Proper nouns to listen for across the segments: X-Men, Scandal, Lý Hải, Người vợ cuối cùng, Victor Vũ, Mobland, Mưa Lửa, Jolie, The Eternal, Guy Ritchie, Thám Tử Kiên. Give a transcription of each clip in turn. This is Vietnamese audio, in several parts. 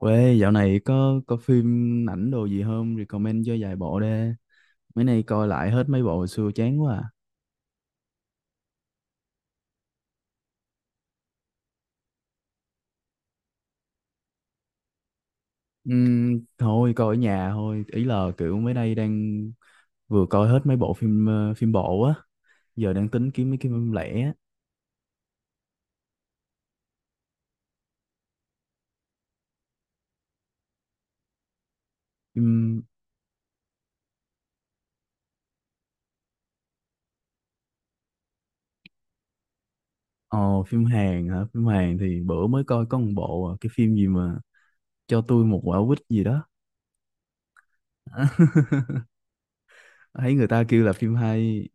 Quê dạo này có phim ảnh đồ gì không? Recommend cho vài bộ đi. Mấy nay coi lại hết mấy bộ hồi xưa chán quá à. Thôi coi ở nhà thôi. Ý là kiểu mấy nay đang vừa coi hết mấy bộ phim phim bộ á. Giờ đang tính kiếm mấy cái phim lẻ á. Phim ồ phim Hàn hả? Phim Hàn thì bữa mới coi có một bộ à, cái phim gì mà cho tôi một quả quýt gì đó. Thấy người ta kêu là phim hay.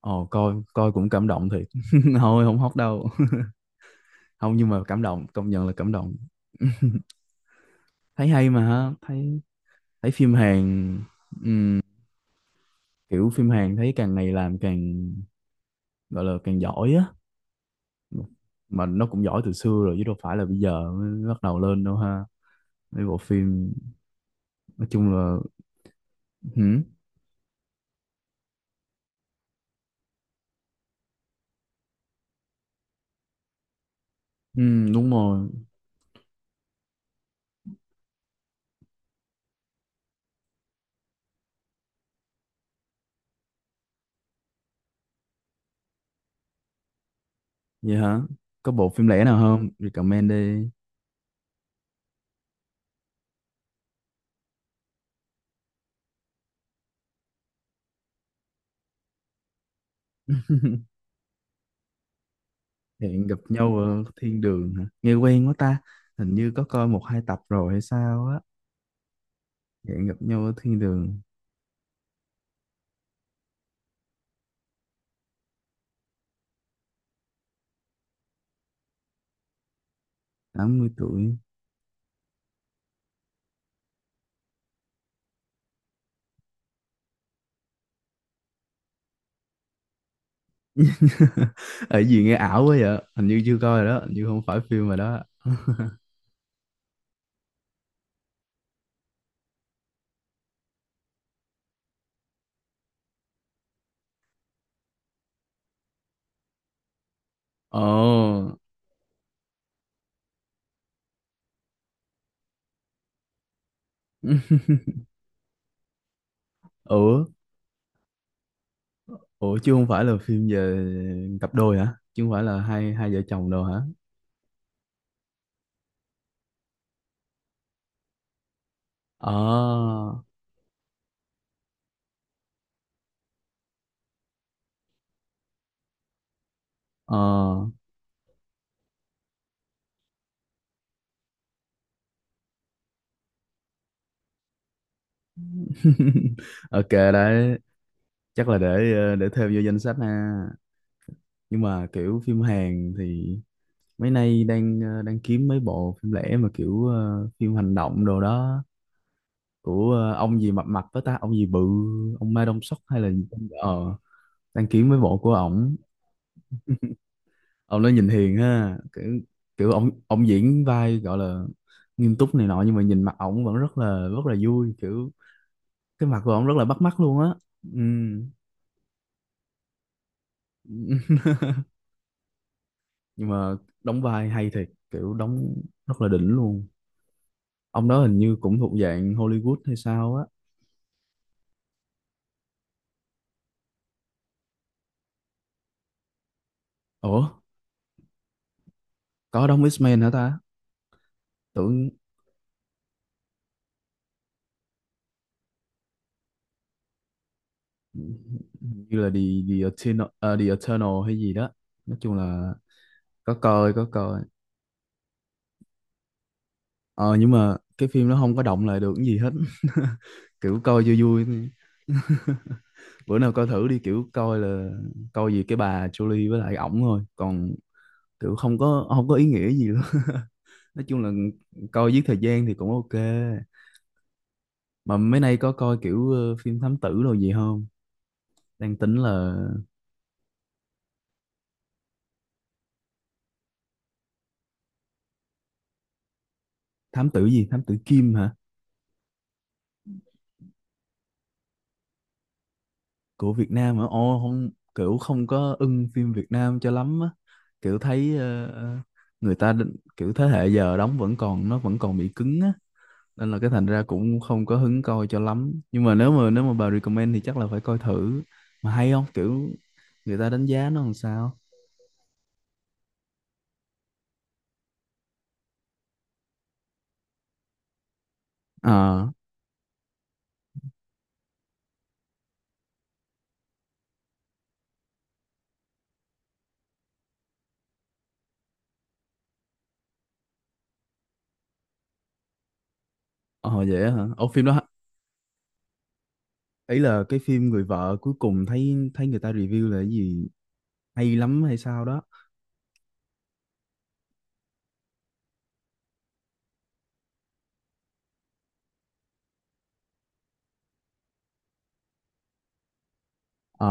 Ồ coi coi cũng cảm động thiệt. Thôi không hóc đâu. Không, nhưng mà cảm động, công nhận là cảm động. Thấy hay mà ha, thấy thấy phim Hàn, kiểu phim Hàn thấy càng ngày làm càng gọi là càng giỏi á. Mà nó cũng giỏi từ xưa rồi chứ đâu phải là bây giờ mới bắt đầu lên đâu ha, mấy bộ phim, nói chung là. Hử? Ừ, đúng rồi. Vậy hả? Có bộ phim lẻ nào không, recommend đi. Hẹn gặp nhau ở thiên đường hả? Nghe quen quá ta. Hình như có coi một hai tập rồi hay sao á. Hẹn gặp nhau ở thiên đường. 80 tuổi. Ở gì, nghe ảo quá vậy, hình như chưa coi rồi đó, hình như không phải phim rồi đó. Ồ. Ủa, ủa chứ không phải là phim về cặp đôi hả, chứ không phải là hai hai vợ chồng đâu hả? Ờ, ờ. Ok đấy. Chắc là để để thêm vô danh sách ha. Nhưng mà kiểu phim Hàn thì mấy nay đang kiếm mấy bộ phim lẻ, mà kiểu phim hành động đồ đó, của ông gì mập mập đó ta, ông gì bự, ông Ma Đông Sóc hay là. ờ Đăng kiếm với bộ của ổng. Ông nó nhìn hiền ha, kiểu kiểu ổng ổng diễn vai gọi là nghiêm túc này nọ nhưng mà nhìn mặt ổng vẫn rất là vui kiểu. Cái mặt của ổng rất là bắt mắt luôn á. Ừ. Nhưng mà đóng vai hay thiệt, kiểu đóng rất là đỉnh luôn. Ông đó hình như cũng thuộc dạng Hollywood hay sao á. Ủa, có đóng X-Men hả ta? Tưởng như là The Eternal hay gì đó, nói chung là. Có coi có coi. Ờ nhưng mà cái phim nó không có động lại được cái gì hết. Kiểu coi vui vui thôi. Bữa nào coi thử đi, kiểu coi là, coi gì cái bà Jolie với lại ổng thôi, còn kiểu không có ý nghĩa gì luôn. Nói chung là coi giết thời gian thì cũng ok. Mà mấy nay có coi kiểu phim thám tử đồ gì không? Đang tính là. Thám tử gì, thám tử Kim hả? Của Việt Nam hả? Ồ không, kiểu không có ưng phim Việt Nam cho lắm á. Kiểu thấy người ta kiểu thế hệ giờ đóng vẫn còn, nó vẫn còn bị cứng á, nên là cái thành ra cũng không có hứng coi cho lắm. Nhưng mà nếu mà bà recommend thì chắc là phải coi thử. Mà hay không? Kiểu người ta đánh giá nó làm sao? Ờ, ờ vậy á hả? Ồ phim đó. Ấy là cái phim Người vợ cuối cùng, thấy thấy người ta review là cái gì hay lắm hay sao đó. Ờ,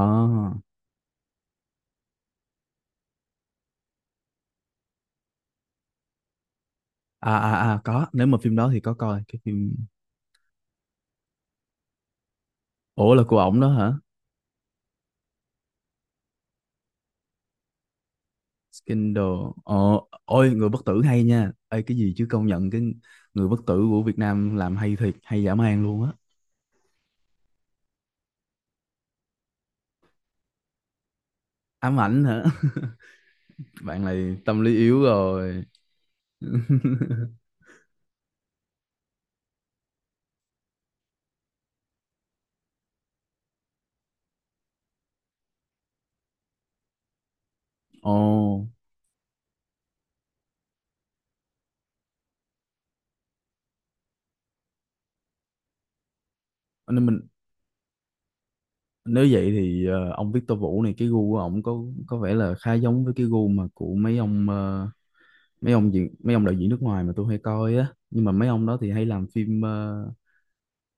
à à à, có, nếu mà phim đó thì có coi cái phim. Ủa, là của ổng đó hả? Scandal. Ờ, ôi, người bất tử hay nha. Ê, cái gì chứ, công nhận cái người bất tử của Việt Nam làm hay thiệt, hay dã man luôn á. Ám ảnh hả? Bạn này tâm lý yếu rồi. Ồ, nên mình. Nếu vậy thì ông Victor Vũ này, cái gu của ổng có vẻ là khá giống với cái gu mà của mấy ông mấy ông diễn mấy ông đạo diễn nước ngoài mà tôi hay coi á. Nhưng mà mấy ông đó thì hay làm phim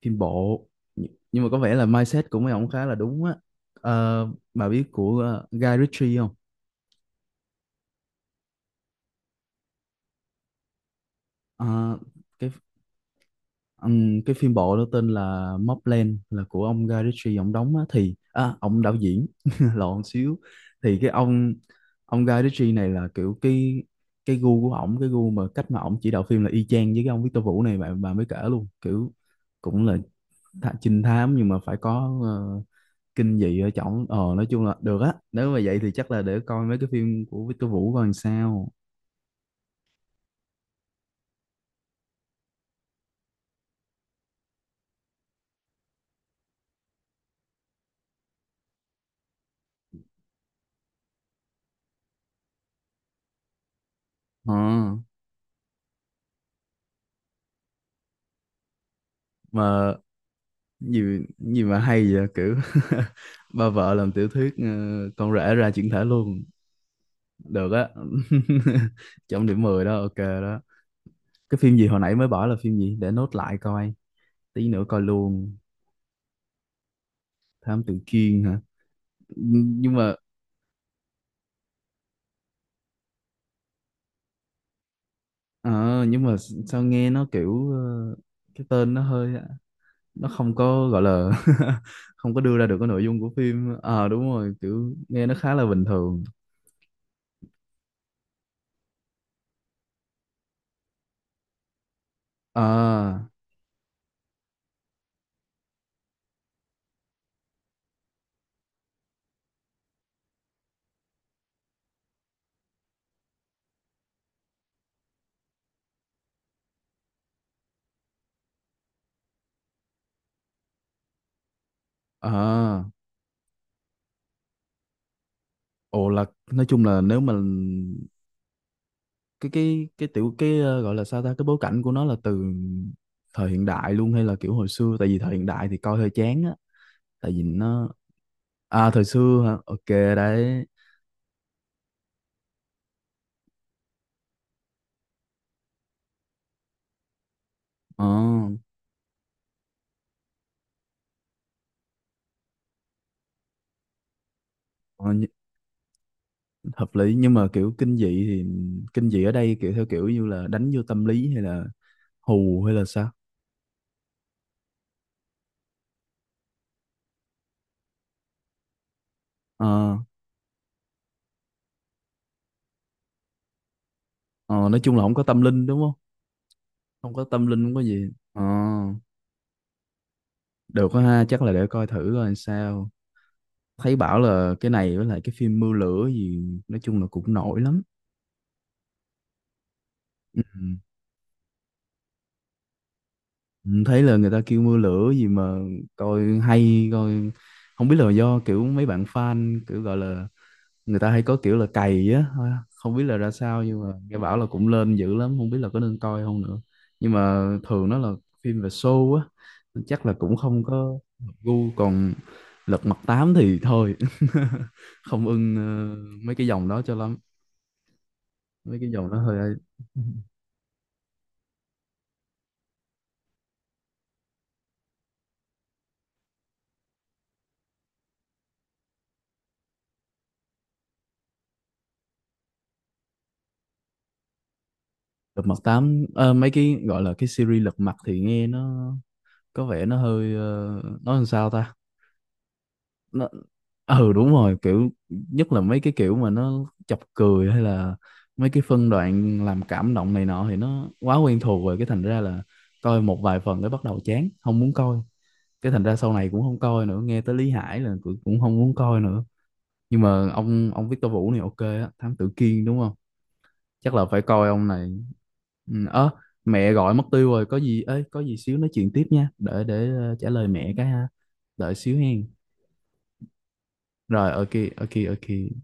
phim bộ. Nh- nhưng mà có vẻ là mindset của mấy ông khá là đúng á. Ờ, bà biết của Guy Ritchie không? Ờ, cái cái phim bộ đó tên là Mobland, là của ông Guy Ritchie ông đóng á, thì ông đạo diễn lộn xíu, thì cái ông Guy Ritchie này là kiểu cái gu của ổng, cái gu mà cách mà ổng chỉ đạo phim là y chang với cái ông Victor Vũ này bạn bà mới kể luôn, kiểu cũng là trinh thám nhưng mà phải có kinh dị ở trỏng. Ờ nói chung là được á, nếu mà vậy thì chắc là để coi mấy cái phim của Victor Vũ coi làm sao. ờ mà gì gì mà hay vậy kiểu, ba vợ làm tiểu thuyết, con rể ra chuyển thể luôn. Được á. Trong điểm 10 đó, ok đó. Cái phim gì hồi nãy mới bỏ là phim gì để nốt lại coi, tí nữa coi luôn. Thám Tử Kiên hả? Nhưng mà ờ, nhưng mà sao nghe nó kiểu cái tên nó hơi, nó không có gọi là, không có đưa ra được cái nội dung của phim. Ờ Đúng rồi, kiểu nghe nó khá là bình thường. À à, ồ là, nói chung là nếu mà cái tiểu cái ờ, gọi là sao ta, cái bối cảnh của nó là từ thời hiện đại luôn hay là kiểu hồi xưa, tại vì thời hiện đại thì coi hơi chán á, tại vì nó. À, thời xưa hả? Ok đấy. ờ ờ, nh- Hợp lý, nhưng mà kiểu kinh dị thì kinh dị ở đây kiểu theo kiểu như là đánh vô tâm lý hay là hù hay là sao? ờ Ờ, nói chung là không có tâm linh đúng không? Không có tâm linh không có gì. Ờ, được quá ha, chắc là để coi thử coi sao. Thấy bảo là cái này với lại cái phim Mưa Lửa gì nói chung là cũng nổi lắm. Ừ. Ừ, thấy là người ta kêu Mưa Lửa gì mà coi hay coi, không biết là do kiểu mấy bạn fan kiểu gọi là người ta hay có kiểu là cày á, không biết là ra sao, nhưng mà nghe bảo là cũng lên dữ lắm, không biết là có nên coi không nữa. Nhưng mà thường nó là phim về show á, chắc là cũng không có hợp gu, còn lật mặt tám thì thôi. Không ưng mấy cái dòng đó cho lắm. Mấy cái dòng đó hơi. Lật mặt tám, mấy cái gọi là cái series lật mặt thì nghe nó có vẻ nó hơi nói làm sao ta, nó. Ừ, đúng rồi, kiểu nhất là mấy cái kiểu mà nó chọc cười hay là mấy cái phân đoạn làm cảm động này nọ thì nó quá quen thuộc rồi, cái thành ra là coi một vài phần cái bắt đầu chán không muốn coi, cái thành ra sau này cũng không coi nữa, nghe tới Lý Hải là cũng cũng không muốn coi nữa. Nhưng mà ông Victor Vũ này ok á, Thám Tử Kiên đúng không? Chắc là phải coi ông này. Ừ, ớ, mẹ gọi mất tiêu rồi, có gì ấy có gì xíu nói chuyện tiếp nha, để trả lời mẹ cái ha, đợi xíu hen. Rồi ok. Ok ok.